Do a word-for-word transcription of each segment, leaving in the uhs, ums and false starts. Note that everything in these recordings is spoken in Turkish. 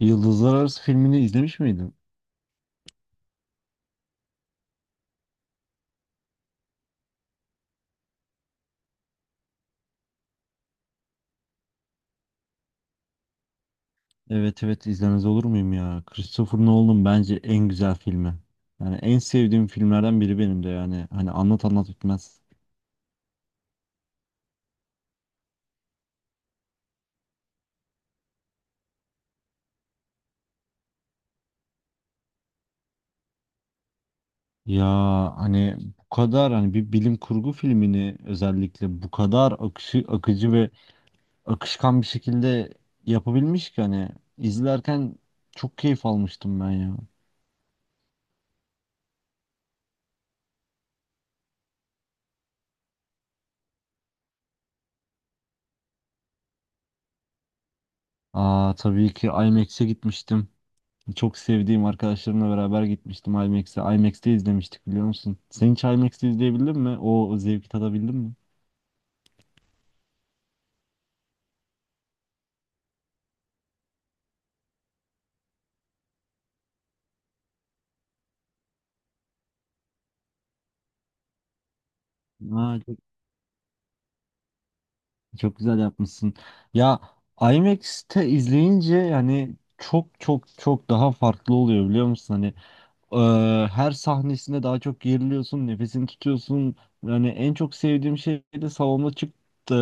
Yıldızlar Arası filmini izlemiş miydin? Evet evet izlemez olur muyum ya? Christopher Nolan'ın bence en güzel filmi. Yani en sevdiğim filmlerden biri benim de yani. Hani anlat anlat bitmez. Ya hani bu kadar hani bir bilim kurgu filmini özellikle bu kadar akışı, akıcı ve akışkan bir şekilde yapabilmiş ki hani izlerken çok keyif almıştım ben ya. Aa, tabii ki I MAX'e gitmiştim. Çok sevdiğim arkadaşlarımla beraber gitmiştim I MAX'e. I MAX'te izlemiştik biliyor musun? Sen hiç I MAX'te izleyebildin mi? O zevki tadabildin mi? Aa, çok, çok güzel yapmışsın. Ya I MAX'te izleyince yani çok çok çok daha farklı oluyor biliyor musun? Hani e, her sahnesinde daha çok geriliyorsun, nefesini tutuyorsun. Yani en çok sevdiğim şey de salonda çık e,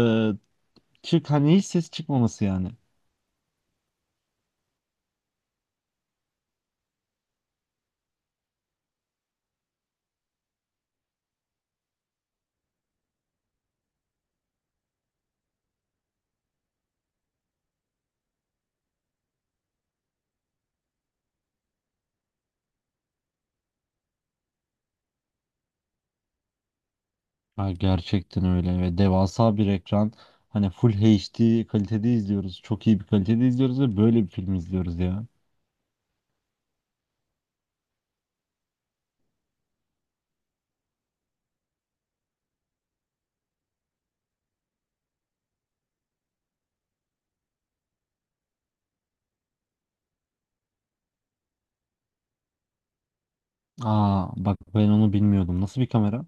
çık hani hiç ses çıkmaması yani. Ha, gerçekten öyle ve devasa bir ekran. Hani full H D kalitede izliyoruz. Çok iyi bir kalitede izliyoruz ve böyle bir film izliyoruz ya. Aa, bak ben onu bilmiyordum. Nasıl bir kamera?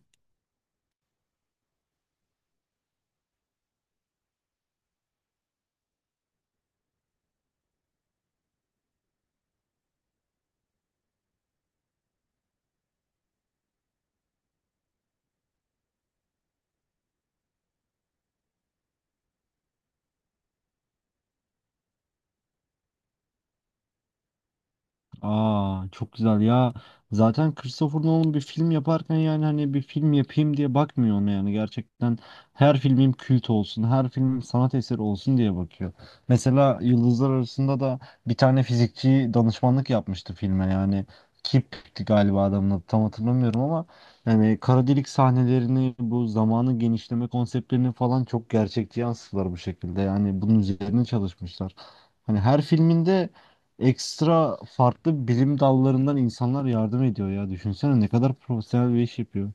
Aa, çok güzel ya. Zaten Christopher Nolan bir film yaparken yani hani bir film yapayım diye bakmıyor ona yani. Gerçekten her filmim kült olsun, her filmim sanat eseri olsun diye bakıyor. Mesela Yıldızlar Arasında da bir tane fizikçi danışmanlık yapmıştı filme yani. Kip'ti galiba adamın adı tam hatırlamıyorum ama yani kara delik sahnelerini bu zamanı genişleme konseptlerini falan çok gerçekçi yansıttılar bu şekilde. Yani bunun üzerine çalışmışlar. Hani her filminde ekstra farklı bilim dallarından insanlar yardım ediyor ya. Düşünsene ne kadar profesyonel bir iş yapıyor.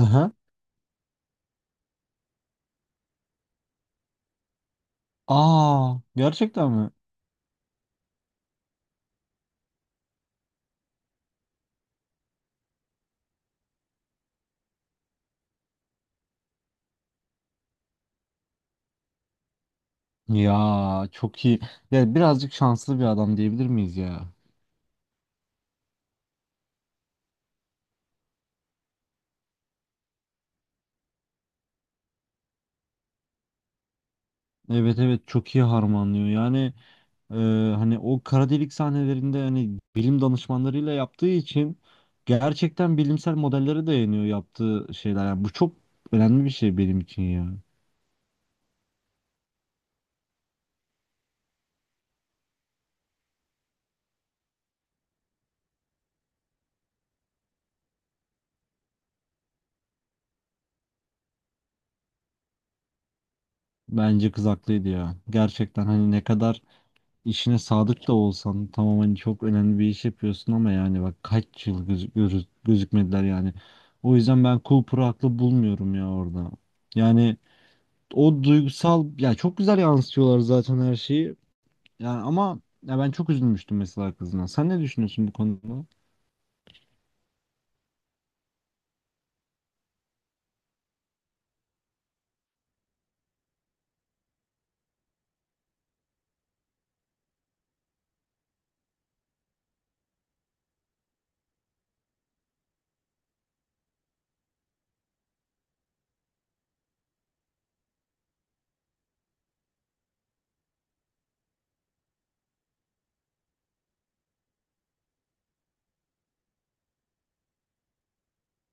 Aha. Aa, gerçekten mi? Ya çok iyi. Ya birazcık şanslı bir adam diyebilir miyiz ya? Evet evet çok iyi harmanlıyor. Yani e, hani o kara delik sahnelerinde hani bilim danışmanlarıyla yaptığı için gerçekten bilimsel modellere dayanıyor yaptığı şeyler. Yani bu çok önemli bir şey benim için ya. Bence kız haklıydı ya. Gerçekten hani ne kadar işine sadık da olsan tamam hani çok önemli bir iş yapıyorsun ama yani bak kaç yıl gözü- görü- gözükmediler yani. O yüzden ben Cooper'ı haklı bulmuyorum ya orada. Yani o duygusal ya çok güzel yansıtıyorlar zaten her şeyi. Yani ama ya ben çok üzülmüştüm mesela kızına. Sen ne düşünüyorsun bu konuda?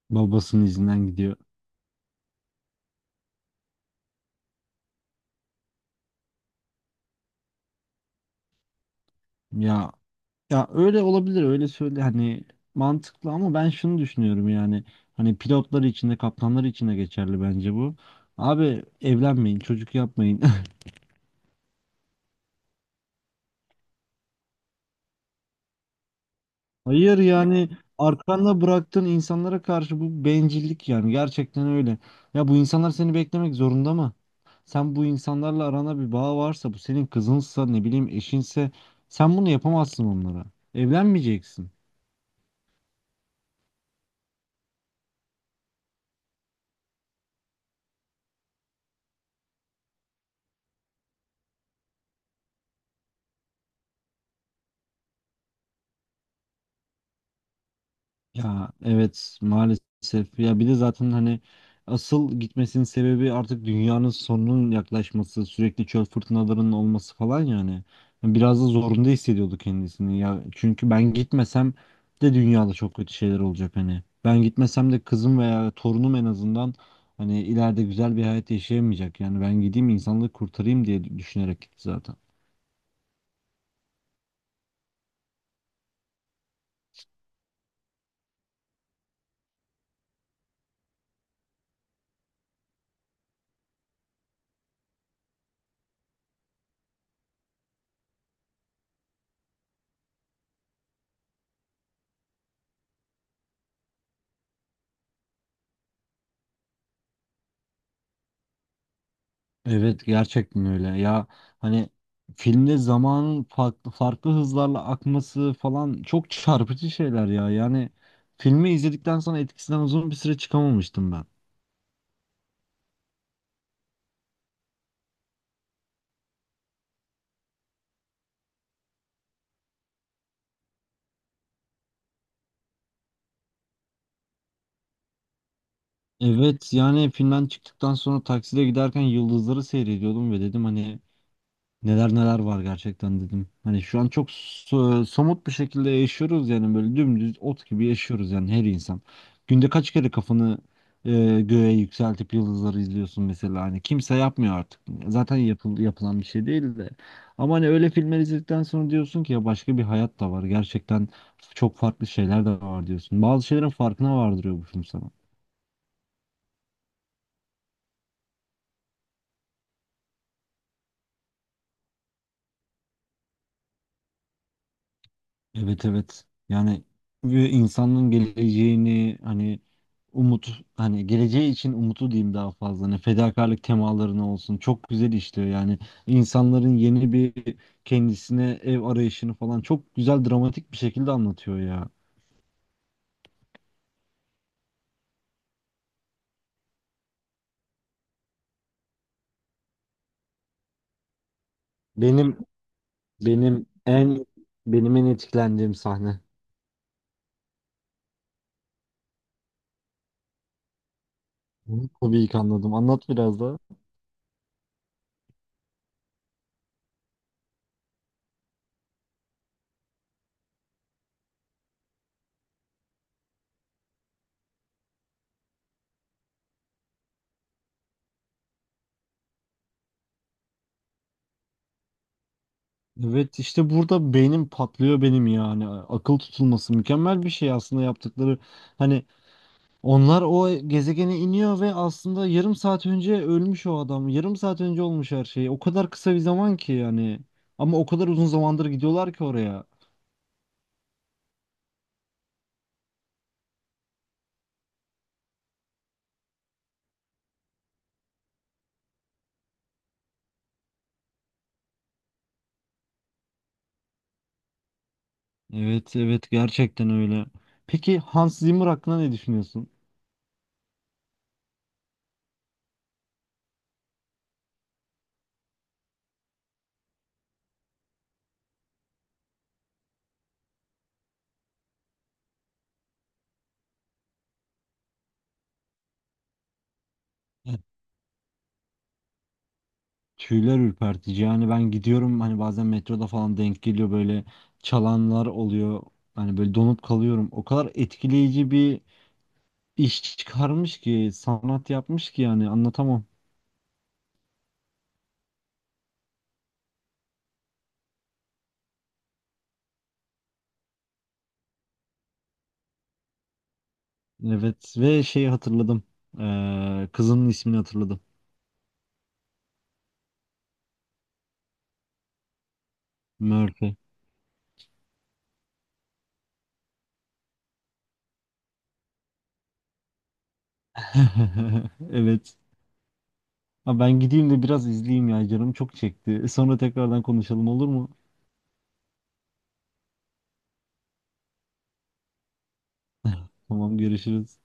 Babasının izinden gidiyor. Ya Ya öyle olabilir öyle söyle hani mantıklı ama ben şunu düşünüyorum yani hani pilotlar için de kaptanlar için de geçerli bence bu. Abi evlenmeyin çocuk yapmayın. Hayır yani arkanda bıraktığın insanlara karşı bu bencillik yani gerçekten öyle. Ya bu insanlar seni beklemek zorunda mı? Sen bu insanlarla arana bir bağ varsa bu senin kızınsa ne bileyim eşinse sen bunu yapamazsın onlara. Evlenmeyeceksin. Ya evet maalesef ya bir de zaten hani asıl gitmesinin sebebi artık dünyanın sonunun yaklaşması sürekli çöl fırtınalarının olması falan yani. Hani, biraz da zorunda hissediyordu kendisini ya çünkü ben gitmesem de dünyada çok kötü şeyler olacak hani ben gitmesem de kızım veya torunum en azından hani ileride güzel bir hayat yaşayamayacak yani ben gideyim insanlığı kurtarayım diye düşünerek gitti zaten. Evet gerçekten öyle ya hani filmde zamanın farklı farklı hızlarla akması falan çok çarpıcı şeyler ya yani filmi izledikten sonra etkisinden uzun bir süre çıkamamıştım ben. Evet yani filmden çıktıktan sonra takside giderken yıldızları seyrediyordum ve dedim hani neler neler var gerçekten dedim. Hani şu an çok so- somut bir şekilde yaşıyoruz yani böyle dümdüz ot gibi yaşıyoruz yani her insan. Günde kaç kere kafanı e, göğe yükseltip yıldızları izliyorsun mesela hani kimse yapmıyor artık. Zaten yapıl yapılan bir şey değil de. Ama hani öyle filmler izledikten sonra diyorsun ki ya başka bir hayat da var. Gerçekten çok farklı şeyler de var diyorsun. Bazı şeylerin farkına vardırıyor bu film sana. Evet evet. Yani ve insanın geleceğini hani umut hani geleceği için umutu diyeyim daha fazla. Hani fedakarlık temalarını olsun. Çok güzel işliyor yani. İnsanların yeni bir kendisine ev arayışını falan çok güzel dramatik bir şekilde anlatıyor ya. Benim benim en benim en etkilendiğim sahne. Bunu tabii ki anladım. Anlat biraz daha. Evet işte burada beynim patlıyor benim yani. Akıl tutulması mükemmel bir şey aslında yaptıkları. Hani onlar o gezegene iniyor ve aslında yarım saat önce ölmüş o adam. Yarım saat önce olmuş her şey. O kadar kısa bir zaman ki yani. Ama o kadar uzun zamandır gidiyorlar ki oraya. Evet, evet gerçekten öyle. Peki Hans Zimmer hakkında ne düşünüyorsun? Evet. Tüyler ürpertici. Yani ben gidiyorum hani bazen metroda falan denk geliyor, böyle çalanlar oluyor. Hani böyle donup kalıyorum. O kadar etkileyici bir iş çıkarmış ki, sanat yapmış ki yani anlatamam. Evet ve şeyi hatırladım. Ee, kızının ismini hatırladım. Murphy. Evet. Ha, ben gideyim de biraz izleyeyim ya canım çok çekti. Sonra tekrardan konuşalım, olur mu? Tamam görüşürüz.